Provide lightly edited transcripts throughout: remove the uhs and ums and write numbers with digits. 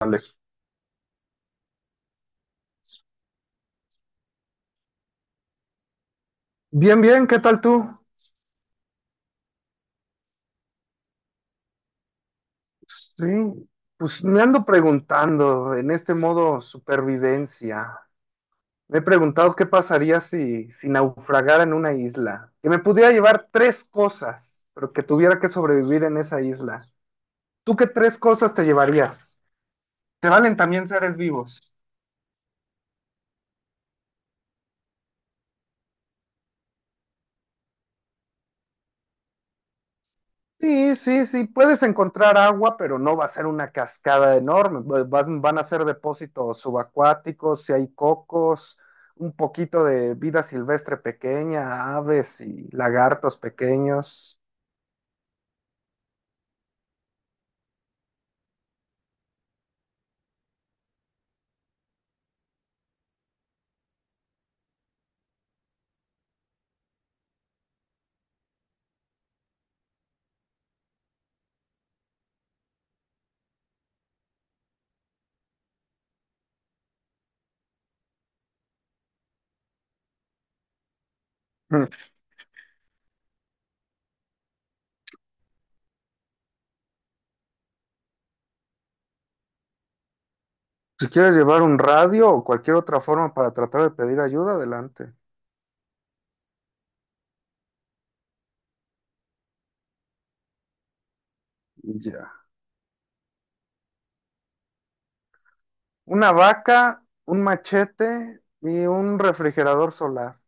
Alex? Bien, bien, ¿qué tal tú? Sí, pues me ando preguntando en este modo supervivencia. Me he preguntado qué pasaría si naufragara en una isla, que me pudiera llevar tres cosas, pero que tuviera que sobrevivir en esa isla. ¿Tú qué tres cosas te llevarías? ¿Te valen también seres vivos? Sí, sí, sí, puedes encontrar agua, pero no va a ser una cascada enorme. Van, van a ser depósitos subacuáticos, si hay cocos, un poquito de vida silvestre pequeña, aves y lagartos pequeños. Mm. Si quieres llevar un radio o cualquier otra forma para tratar de pedir ayuda, adelante. Ya. Una vaca, un machete y un refrigerador solar.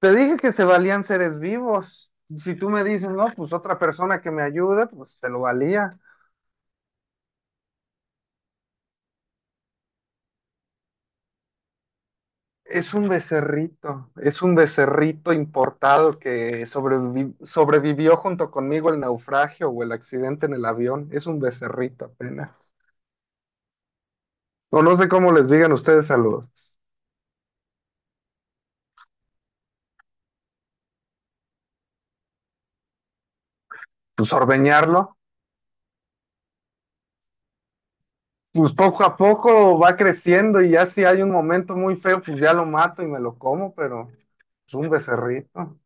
Te dije que se valían seres vivos. Si tú me dices, no, pues otra persona que me ayude, pues se lo valía. Es un becerrito importado que sobrevivió junto conmigo el naufragio o el accidente en el avión. Es un becerrito apenas. O no sé cómo les digan ustedes a los, pues ordeñarlo. Pues poco a poco va creciendo y ya si hay un momento muy feo, pues ya lo mato y me lo como, pero es un becerrito.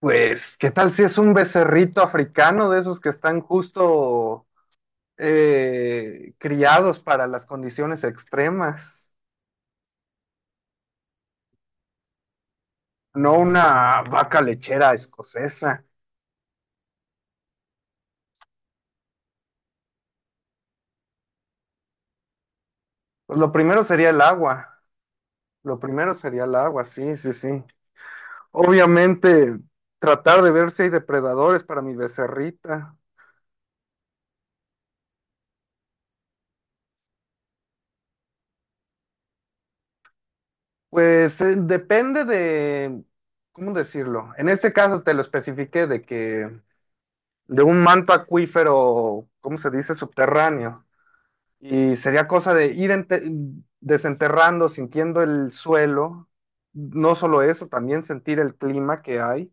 Pues, ¿qué tal si es un becerrito africano de esos que están justo criados para las condiciones extremas? No una vaca lechera escocesa. Pues lo primero sería el agua. Lo primero sería el agua, sí, sí, sí. Obviamente, tratar de ver si hay depredadores para mi becerrita. Pues depende de, ¿cómo decirlo? En este caso te lo especifiqué de que de un manto acuífero, ¿cómo se dice? Subterráneo. Y sería cosa de ir desenterrando, sintiendo el suelo. No solo eso, también sentir el clima que hay,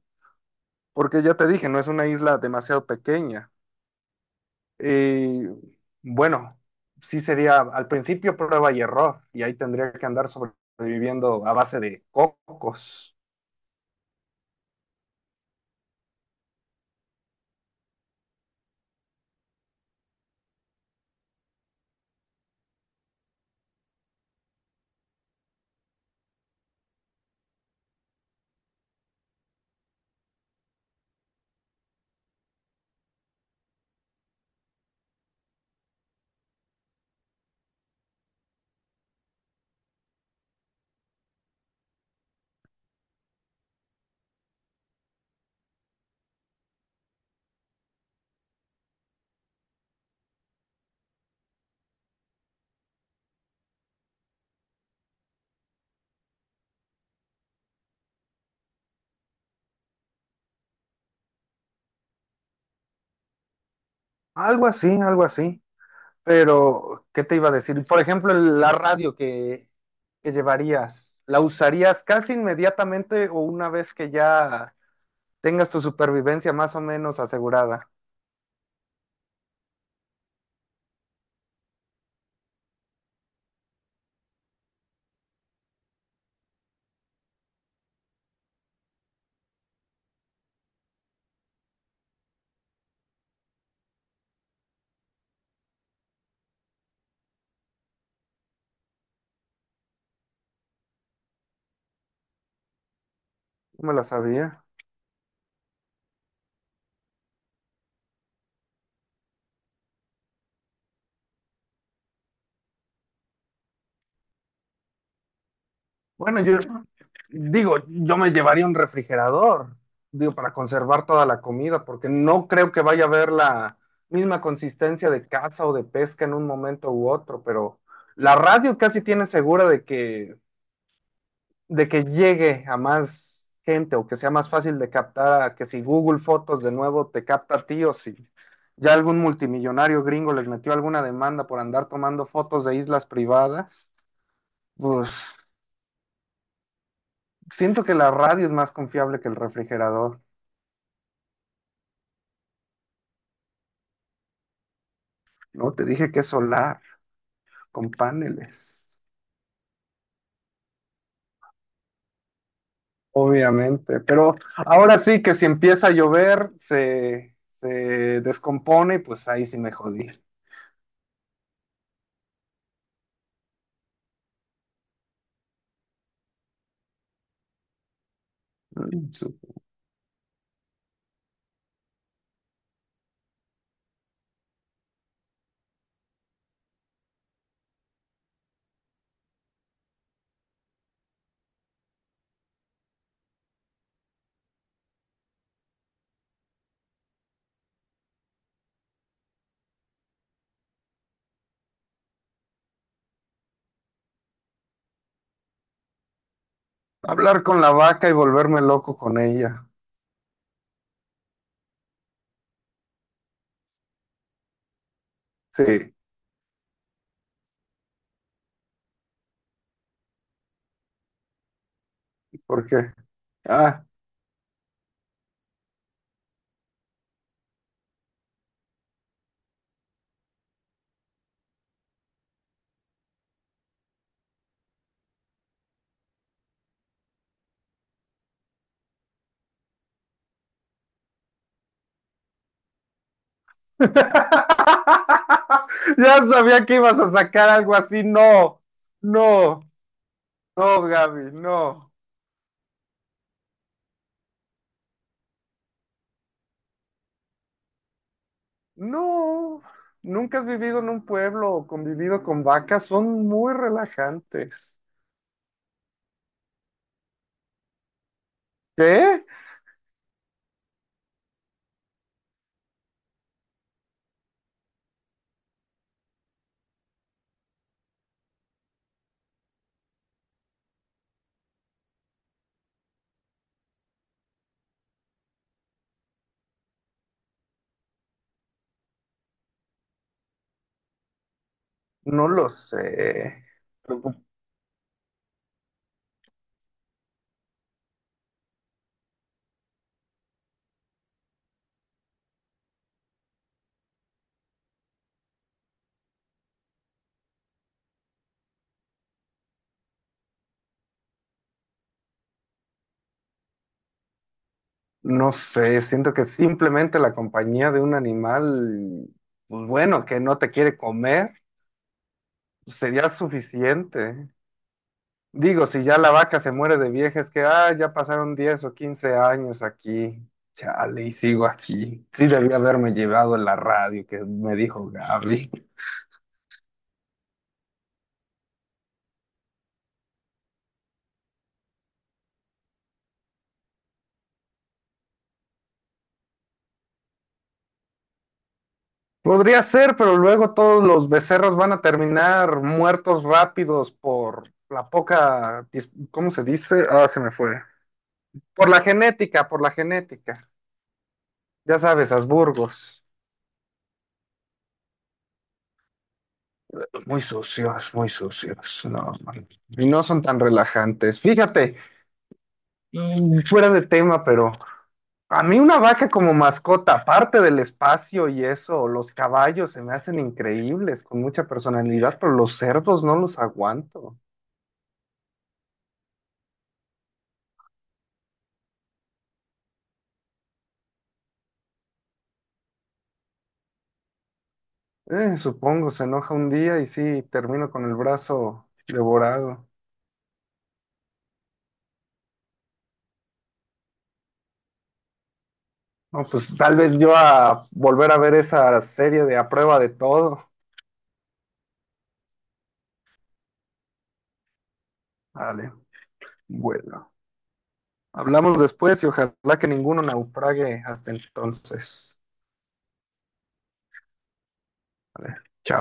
porque ya te dije, no es una isla demasiado pequeña. Y bueno, sí sería al principio prueba y error, y ahí tendría que andar sobreviviendo a base de cocos. Algo así, algo así. Pero, ¿qué te iba a decir? Por ejemplo, la radio que llevarías, ¿la usarías casi inmediatamente o una vez que ya tengas tu supervivencia más o menos asegurada? No me la sabía. Bueno, yo digo, yo me llevaría un refrigerador, digo, para conservar toda la comida, porque no creo que vaya a haber la misma consistencia de caza o de pesca en un momento u otro, pero la radio casi tiene segura de que llegue a más gente o que sea más fácil de captar, a que si Google Fotos de nuevo te capta a ti o si ya algún multimillonario gringo les metió alguna demanda por andar tomando fotos de islas privadas, pues siento que la radio es más confiable que el refrigerador, ¿no? Te dije que es solar, con paneles, obviamente, pero ahora sí que si empieza a llover se descompone y pues ahí sí me jodí. Hablar con la vaca y volverme loco con ella. Sí, ¿por qué? Ah. Ya sabía que ibas a sacar algo así. No, no, no, Gaby, no. No, nunca has vivido en un pueblo o convivido con vacas. Son muy relajantes. ¿Qué? No lo sé. No sé, siento que simplemente la compañía de un animal, pues bueno, que no te quiere comer sería suficiente. Digo, si ya la vaca se muere de vieja, es que, ah, ya pasaron 10 o 15 años aquí. Chale, y sigo aquí. Sí debía haberme llevado la radio que me dijo Gaby. Podría ser, pero luego todos los becerros van a terminar muertos rápidos por la poca, ¿cómo se dice? Ah, se me fue. Por la genética, por la genética. Ya sabes, Habsburgos. Muy sucios, muy sucios. No, man, y no son tan relajantes. Fíjate, mm, fuera de tema, pero a mí una vaca como mascota, aparte del espacio y eso, los caballos se me hacen increíbles, con mucha personalidad, pero los cerdos no los aguanto. Supongo, se enoja un día y sí, termino con el brazo devorado. No, pues tal vez yo a volver a ver esa serie de A Prueba de Todo. Vale, bueno. Hablamos después y ojalá que ninguno naufrague hasta entonces. Vale, chao.